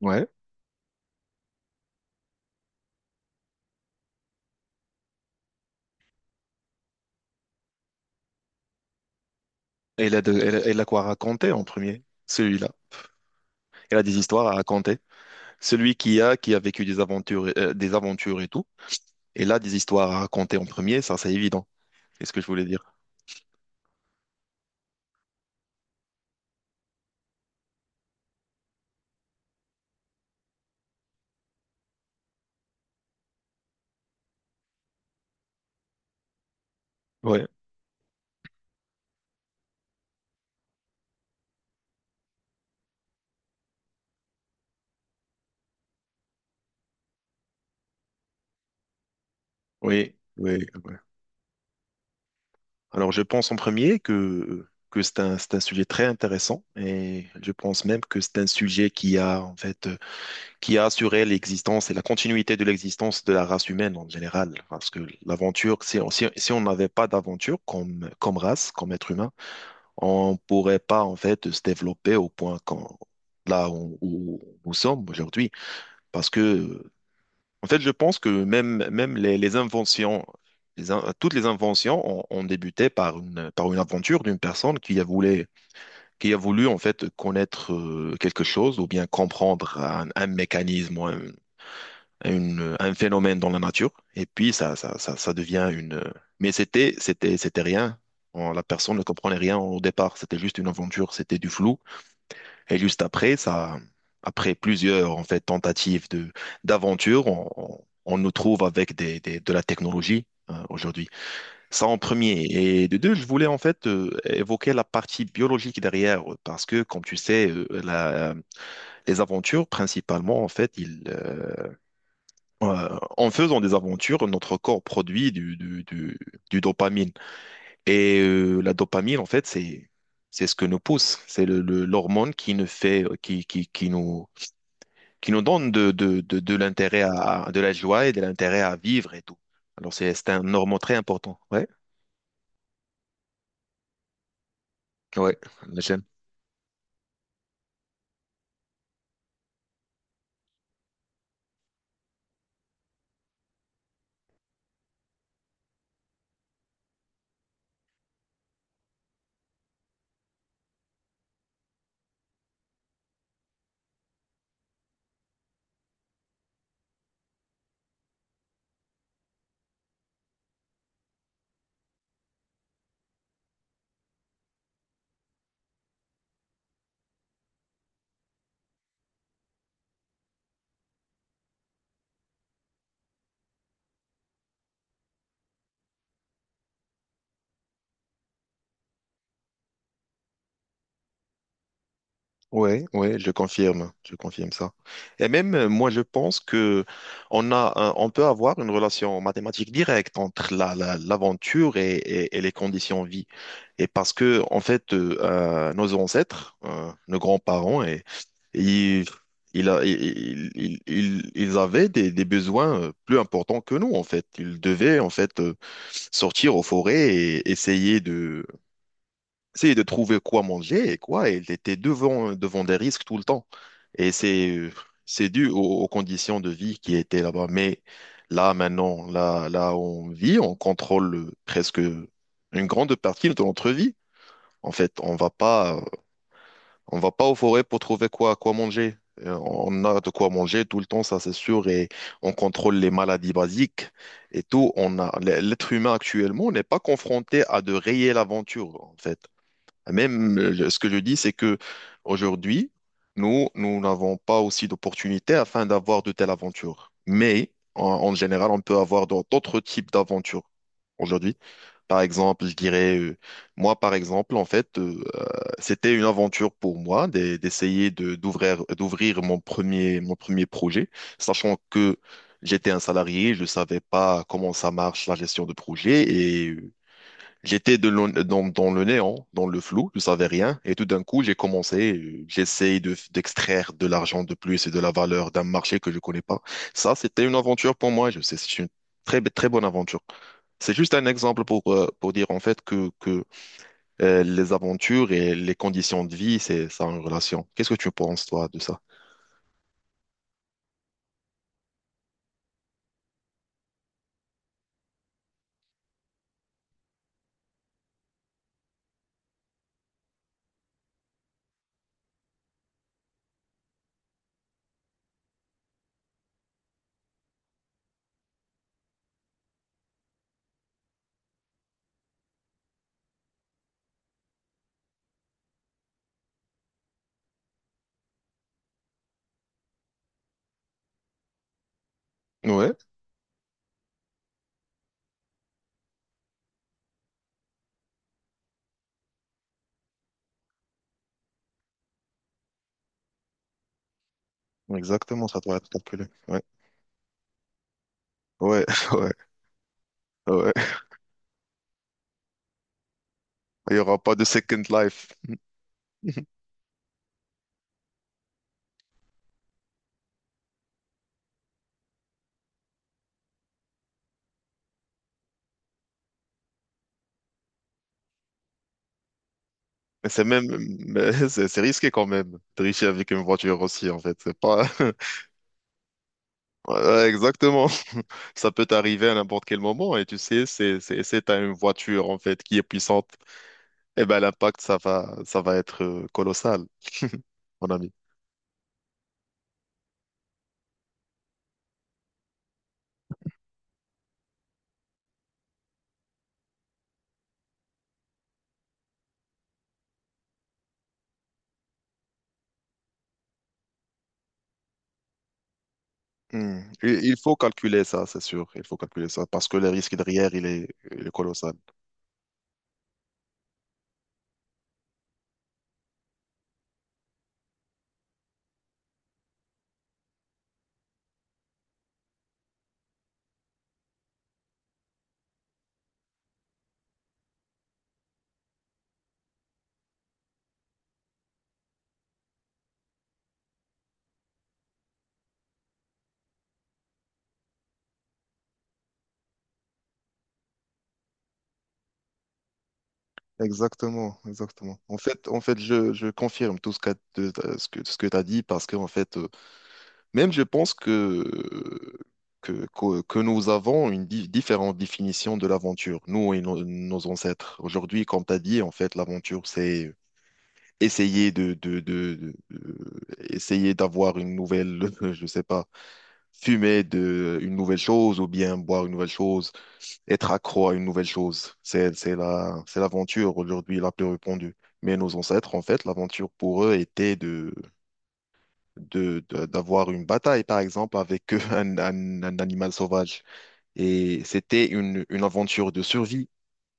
Ouais. Et il a, elle a- elle a quoi raconter en premier, celui-là. Elle a des histoires à raconter. Celui qui a vécu des aventures et tout, et là, des histoires à raconter en premier, ça, c'est évident. C'est ce que je voulais dire. Ouais, oui, oui, ouais. Alors, je pense en premier que c'est un sujet très intéressant, et je pense même que c'est un sujet qui a, en fait, qui a assuré l'existence et la continuité de l'existence de la race humaine en général. Parce que l'aventure, si, si, si on n'avait pas d'aventure comme, comme race, comme être humain, on ne pourrait pas en fait se développer au point qu'on, là où, où nous sommes aujourd'hui. Parce que, en fait, je pense que même, même les inventions, toutes les inventions ont, ont débuté par une aventure d'une personne qui a voulu en fait connaître quelque chose ou bien comprendre un mécanisme ou un, un phénomène dans la nature. Et puis, ça devient une... Mais c'était, c'était, c'était rien. La personne ne comprenait rien au départ, c'était juste une aventure, c'était du flou. Et juste après, ça, après plusieurs en fait tentatives de d'aventure, on, on nous trouve avec des, de la technologie aujourd'hui. Ça en premier. Et de deux, je voulais en fait évoquer la partie biologique derrière, parce que comme tu sais, les aventures principalement en fait, ils, en faisant des aventures, notre corps produit du, du dopamine. Et la dopamine en fait, c'est ce que nous pousse, c'est le, l'hormone qui nous fait, qui nous donne de l'intérêt à, de la joie et de l'intérêt à vivre et tout. Alors, c'est un normand très important. Ouais, ouais, j'aime. Ouais, ouais, je confirme ça. Et même moi, je pense que on a, on peut avoir une relation mathématique directe entre la, l'aventure et, et les conditions de vie. Et parce que en fait, nos ancêtres, nos grands-parents, et, ils, ils avaient des besoins plus importants que nous, en fait. Ils devaient, en fait, sortir aux forêts et essayer essayer de trouver quoi manger et quoi, et il était devant, devant des risques tout le temps. Et c'est dû aux, aux conditions de vie qui étaient là-bas. Mais là, maintenant, là, là où on vit, on contrôle presque une grande partie de notre vie. En fait, on va pas aux forêts pour trouver quoi, quoi manger. On a de quoi manger tout le temps, ça c'est sûr, et on contrôle les maladies basiques et tout. On a, l'être humain actuellement n'est pas confronté à de réelles aventures, en fait. Même, ce que je dis, c'est que aujourd'hui, nous, nous n'avons pas aussi d'opportunités afin d'avoir de telles aventures. Mais en, en général, on peut avoir dans d'autres types d'aventures aujourd'hui. Par exemple, je dirais, moi, par exemple, en fait, c'était une aventure pour moi d'essayer de d'ouvrir d'ouvrir mon premier projet, sachant que j'étais un salarié, je savais pas comment ça marche la gestion de projet et. J'étais de dans, dans le néant, dans le flou, je savais rien. Et tout d'un coup, j'ai commencé, j'essaye de, d'extraire de l'argent de plus et de la valeur d'un marché que je connais pas. Ça, c'était une aventure pour moi. Je sais, c'est une très, très bonne aventure. C'est juste un exemple pour dire en fait que les aventures et les conditions de vie, c'est ça en relation. Qu'est-ce que tu penses, toi, de ça? Ouais. Exactement, ça doit être calculé. Ouais, ouais, ouais, ouais. Il n'y aura pas de second life. Mais c'est même, mais c'est risqué quand même de tricher avec une voiture aussi, en fait. C'est pas, ouais, ouais, exactement. Ça peut t'arriver à n'importe quel moment et tu sais, c'est, t'as une voiture, en fait, qui est puissante. Eh ben, l'impact, ça va être colossal, mon ami. Hmm. Il faut calculer ça, c'est sûr. Il faut calculer ça parce que le risque derrière, il est colossal. Exactement, exactement. En fait, je confirme tout ce que, ce que, ce que tu as dit parce que, en fait, même je pense que nous avons une différente définition de l'aventure, nous et nos, nos ancêtres. Aujourd'hui, comme tu as dit, en fait, l'aventure, c'est essayer de, essayer d'avoir une nouvelle, je sais pas, fumer de une nouvelle chose ou bien boire une nouvelle chose, être accro à une nouvelle chose. C'est la, c'est l'aventure aujourd'hui la plus répandue. Mais nos ancêtres, en fait, l'aventure pour eux était de, d'avoir une bataille, par exemple, avec un animal sauvage. Et c'était une aventure de survie.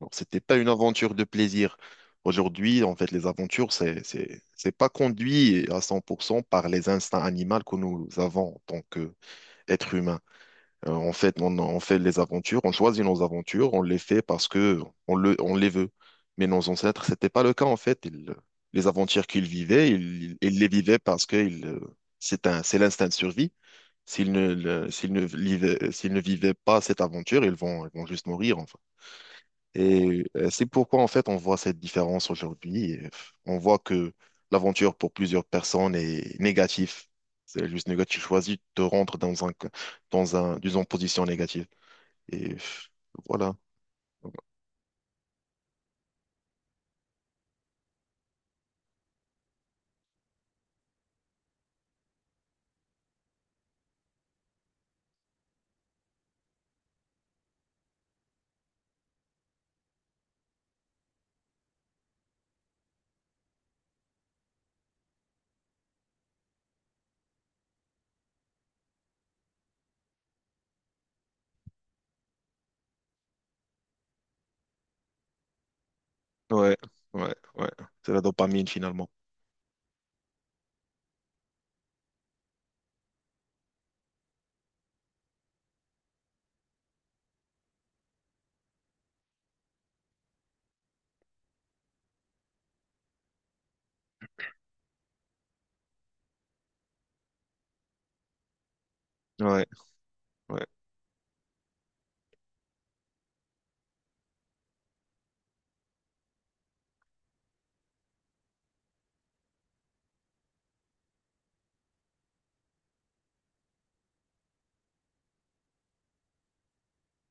Donc, c'était pas une aventure de plaisir. Aujourd'hui, en fait, les aventures, c'est pas conduit à 100% par les instincts animaux que nous avons en tant qu'êtres humains. En fait, on fait les aventures, on choisit nos aventures, on les fait parce que on le, on les veut. Mais nos ancêtres, c'était pas le cas, en fait. Ils- les aventures qu'ils vivaient, ils les vivaient parce que ils, c'est un, c'est l'instinct de survie. S'ils ne, s'ils ne vivaient pas cette aventure, ils vont juste mourir, enfin. Et c'est pourquoi, en fait, on voit cette différence aujourd'hui. Et, on voit que l'aventure pour plusieurs personnes est négative. C'est juste négatif. Tu choisis de te rendre dans un, disons, position négative. Et voilà. Ouais, ouais, ouais. C'est la dopamine, finalement. Ouais, ouais.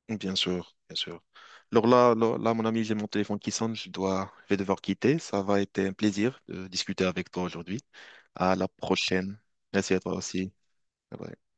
Bien sûr, bien sûr. Alors là, là, là, mon ami, j'ai mon téléphone qui sonne, je dois, je vais devoir quitter. Ça va être un plaisir de discuter avec toi aujourd'hui. À la prochaine. Merci à toi aussi. Bye bye.